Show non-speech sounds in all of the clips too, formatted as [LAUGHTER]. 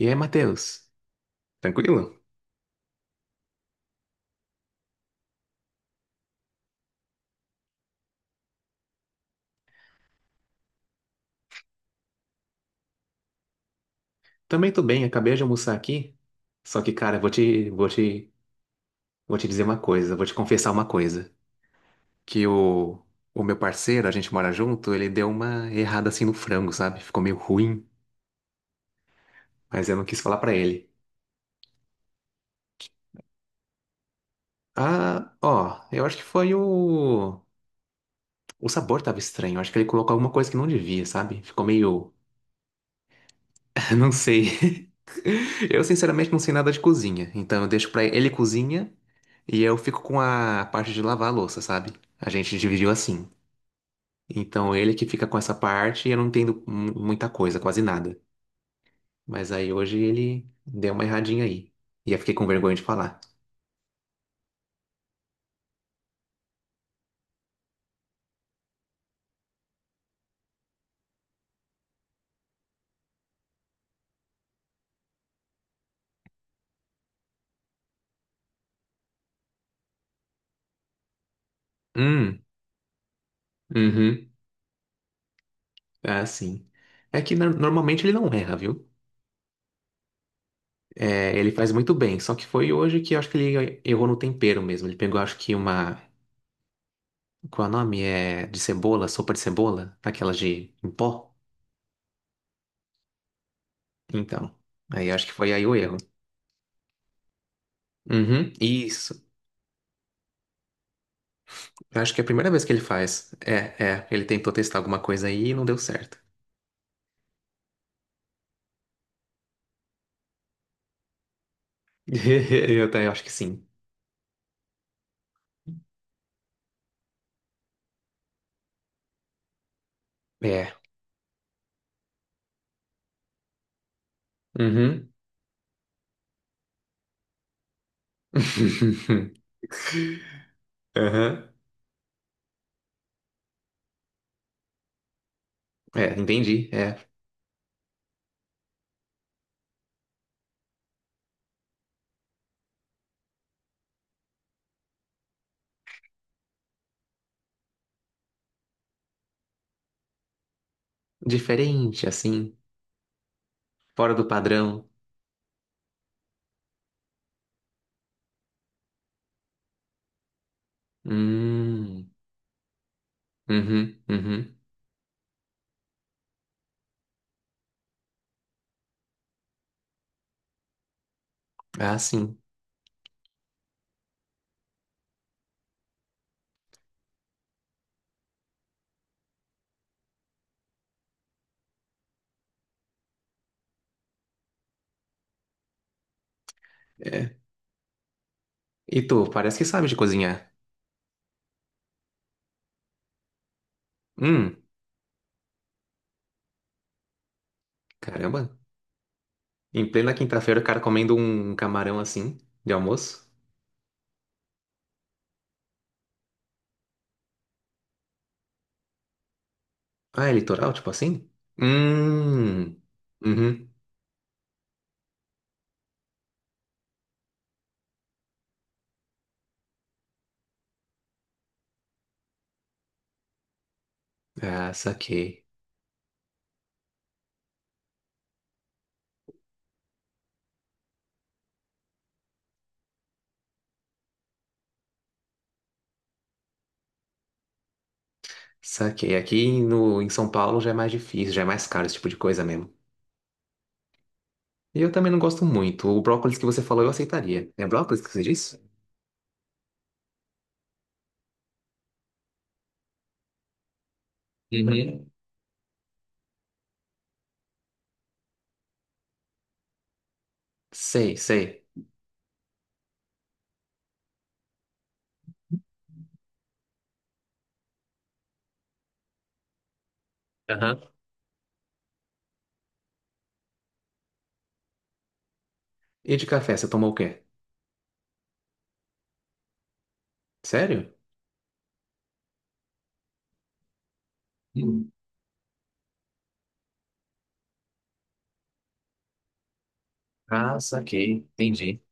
E aí, Matheus? Tranquilo? Também tô bem, acabei de almoçar aqui. Só que, cara, vou te dizer uma coisa, vou te confessar uma coisa. Que o, o meu parceiro, a gente mora junto, ele deu uma errada assim no frango, sabe? Ficou meio ruim, mas eu não quis falar pra ele. Ah, ó, eu acho que foi o. O sabor tava estranho, eu acho que ele colocou alguma coisa que não devia, sabe? Ficou meio. [LAUGHS] Não sei. Eu, sinceramente, não sei nada de cozinha. Então, eu deixo pra ele, ele cozinha e eu fico com a parte de lavar a louça, sabe? A gente dividiu assim. Então, ele que fica com essa parte e eu não entendo muita coisa, quase nada. Mas aí, hoje, ele deu uma erradinha aí. E eu fiquei com vergonha de falar. Hum, uhum. Ah, sim. É que normalmente ele não erra, viu? É, ele faz muito bem. Só que foi hoje que eu acho que ele errou no tempero mesmo. Ele pegou, acho que uma. Qual é o nome? É de cebola, sopa de cebola? Aquelas de em pó? Então, aí acho que foi aí o erro. Uhum, isso. Eu acho que é a primeira vez que ele faz. É, é. Ele tentou testar alguma coisa aí e não deu certo. [LAUGHS] Eu também acho que sim. É. Uhum. [LAUGHS] Aham. É, entendi. É. Diferente, assim. Fora do padrão. Hum. Uhum, uhum. Ah, sim. É. E tu, parece que sabe de cozinhar. Hum, caramba. Em plena quinta-feira, o cara comendo um camarão assim, de almoço. Ah, é litoral, tipo assim? Hum. Uhum. Ah, saquei. Saquei. Aqui no, em São Paulo já é mais difícil, já é mais caro esse tipo de coisa mesmo. E eu também não gosto muito. O brócolis que você falou eu aceitaria. É brócolis que você disse? Uhum. Sei, sei. Aham. E de café, você tomou o quê? Sério? Hum. Ah, saquei. Entendi.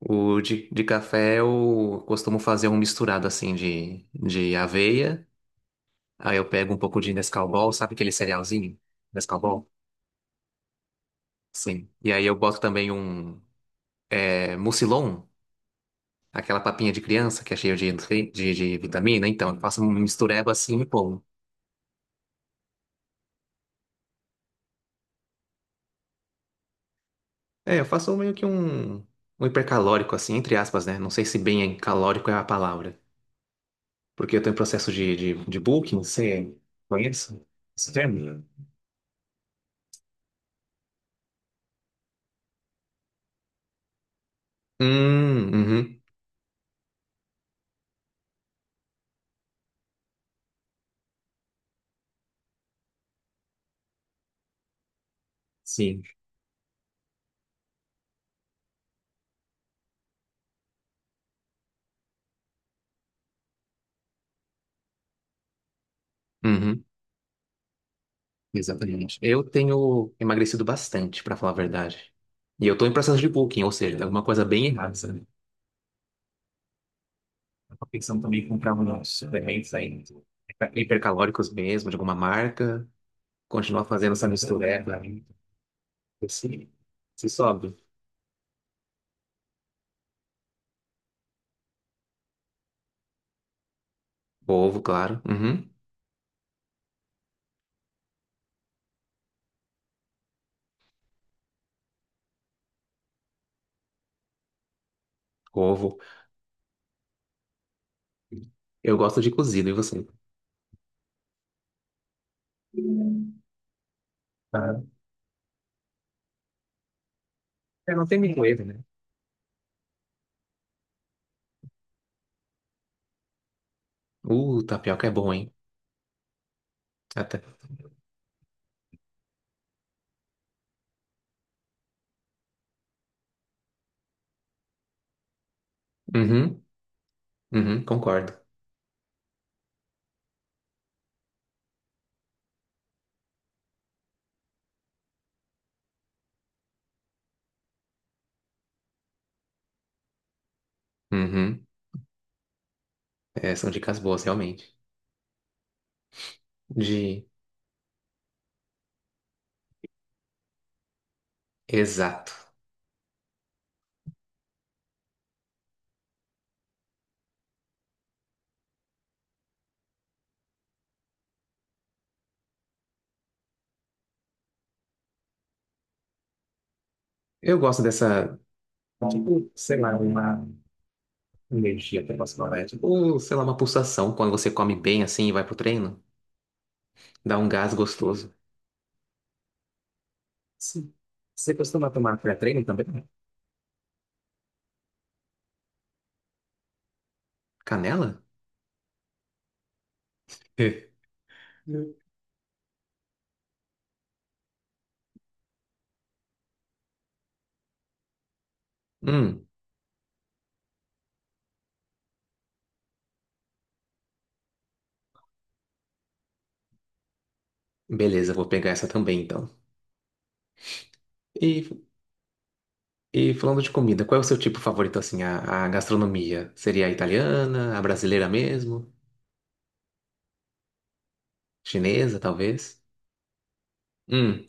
O de café eu costumo fazer um misturado assim de aveia. Aí eu pego um pouco de Nescau Ball, sabe aquele cerealzinho? Nescau Ball? Sim. E aí eu boto também um Mucilon, aquela papinha de criança que é cheia de, de vitamina. Então, eu faço um mistureba assim e pulo. É, eu faço meio que um hipercalórico, assim, entre aspas, né? Não sei se bem é calórico é a palavra. Porque eu tenho processo de bulking, você conhece esse termo? Hum, uhum. Sim. Uhum. Exatamente. Eu tenho emagrecido bastante, pra falar a verdade. E eu tô em processo de bulking, ou seja, tem alguma coisa bem errada, sabe? Eu tô pensando também em comprar uns suplementos aí, hipercalóricos mesmo, de alguma marca. Continuar fazendo essa mistura. Se se sobe. Ovo, claro. Uhum. Ovo. Eu gosto de cozido, e você? Ah, é, não tem micro-ondas, né? Tapioca é bom, hein? Até. Uhum. Uhum, concordo. Uhum. É, são dicas boas, realmente. De. Exato. Eu gosto dessa. Tipo, sei lá, uma energia até posso falar. É tipo, sei lá, uma pulsação quando você come bem assim e vai pro treino. Dá um gás gostoso. Sim. Você costuma tomar pré-treino também? Canela? É. Hum, beleza, vou pegar essa também então. E, e falando de comida, qual é o seu tipo favorito assim? A gastronomia? Seria a italiana, a brasileira mesmo? Chinesa, talvez? Hum,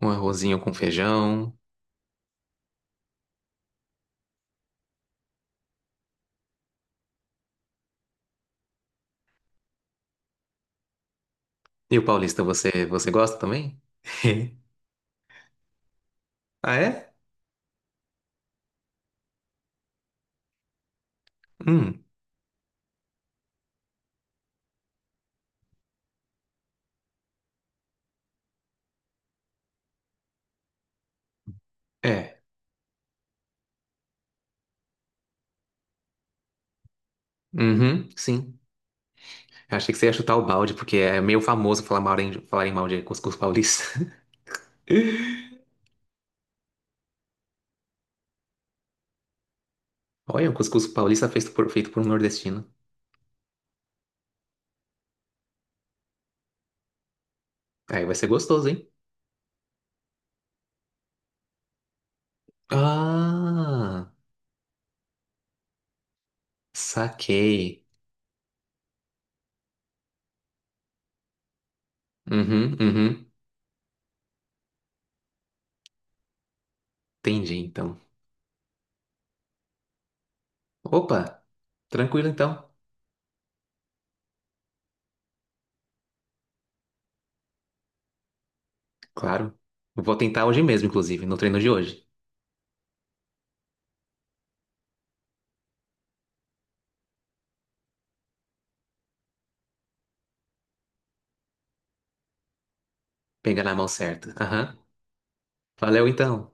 um arrozinho com feijão. E o paulista, você gosta também? [LAUGHS] Ah, é? Hum. É. Uhum, sim. Eu achei que você ia chutar o balde, porque é meio famoso falar mal em, falar em mal de cuscuz paulista. [LAUGHS] Olha, um cuscuz paulista feito por um nordestino. Aí vai ser gostoso, hein? Ah, saquei. Uhum, uhum. Entendi, então. Opa, tranquilo, então. Claro. Vou tentar hoje mesmo, inclusive, no treino de hoje. Pegar na mão certa. Aham. Valeu, então.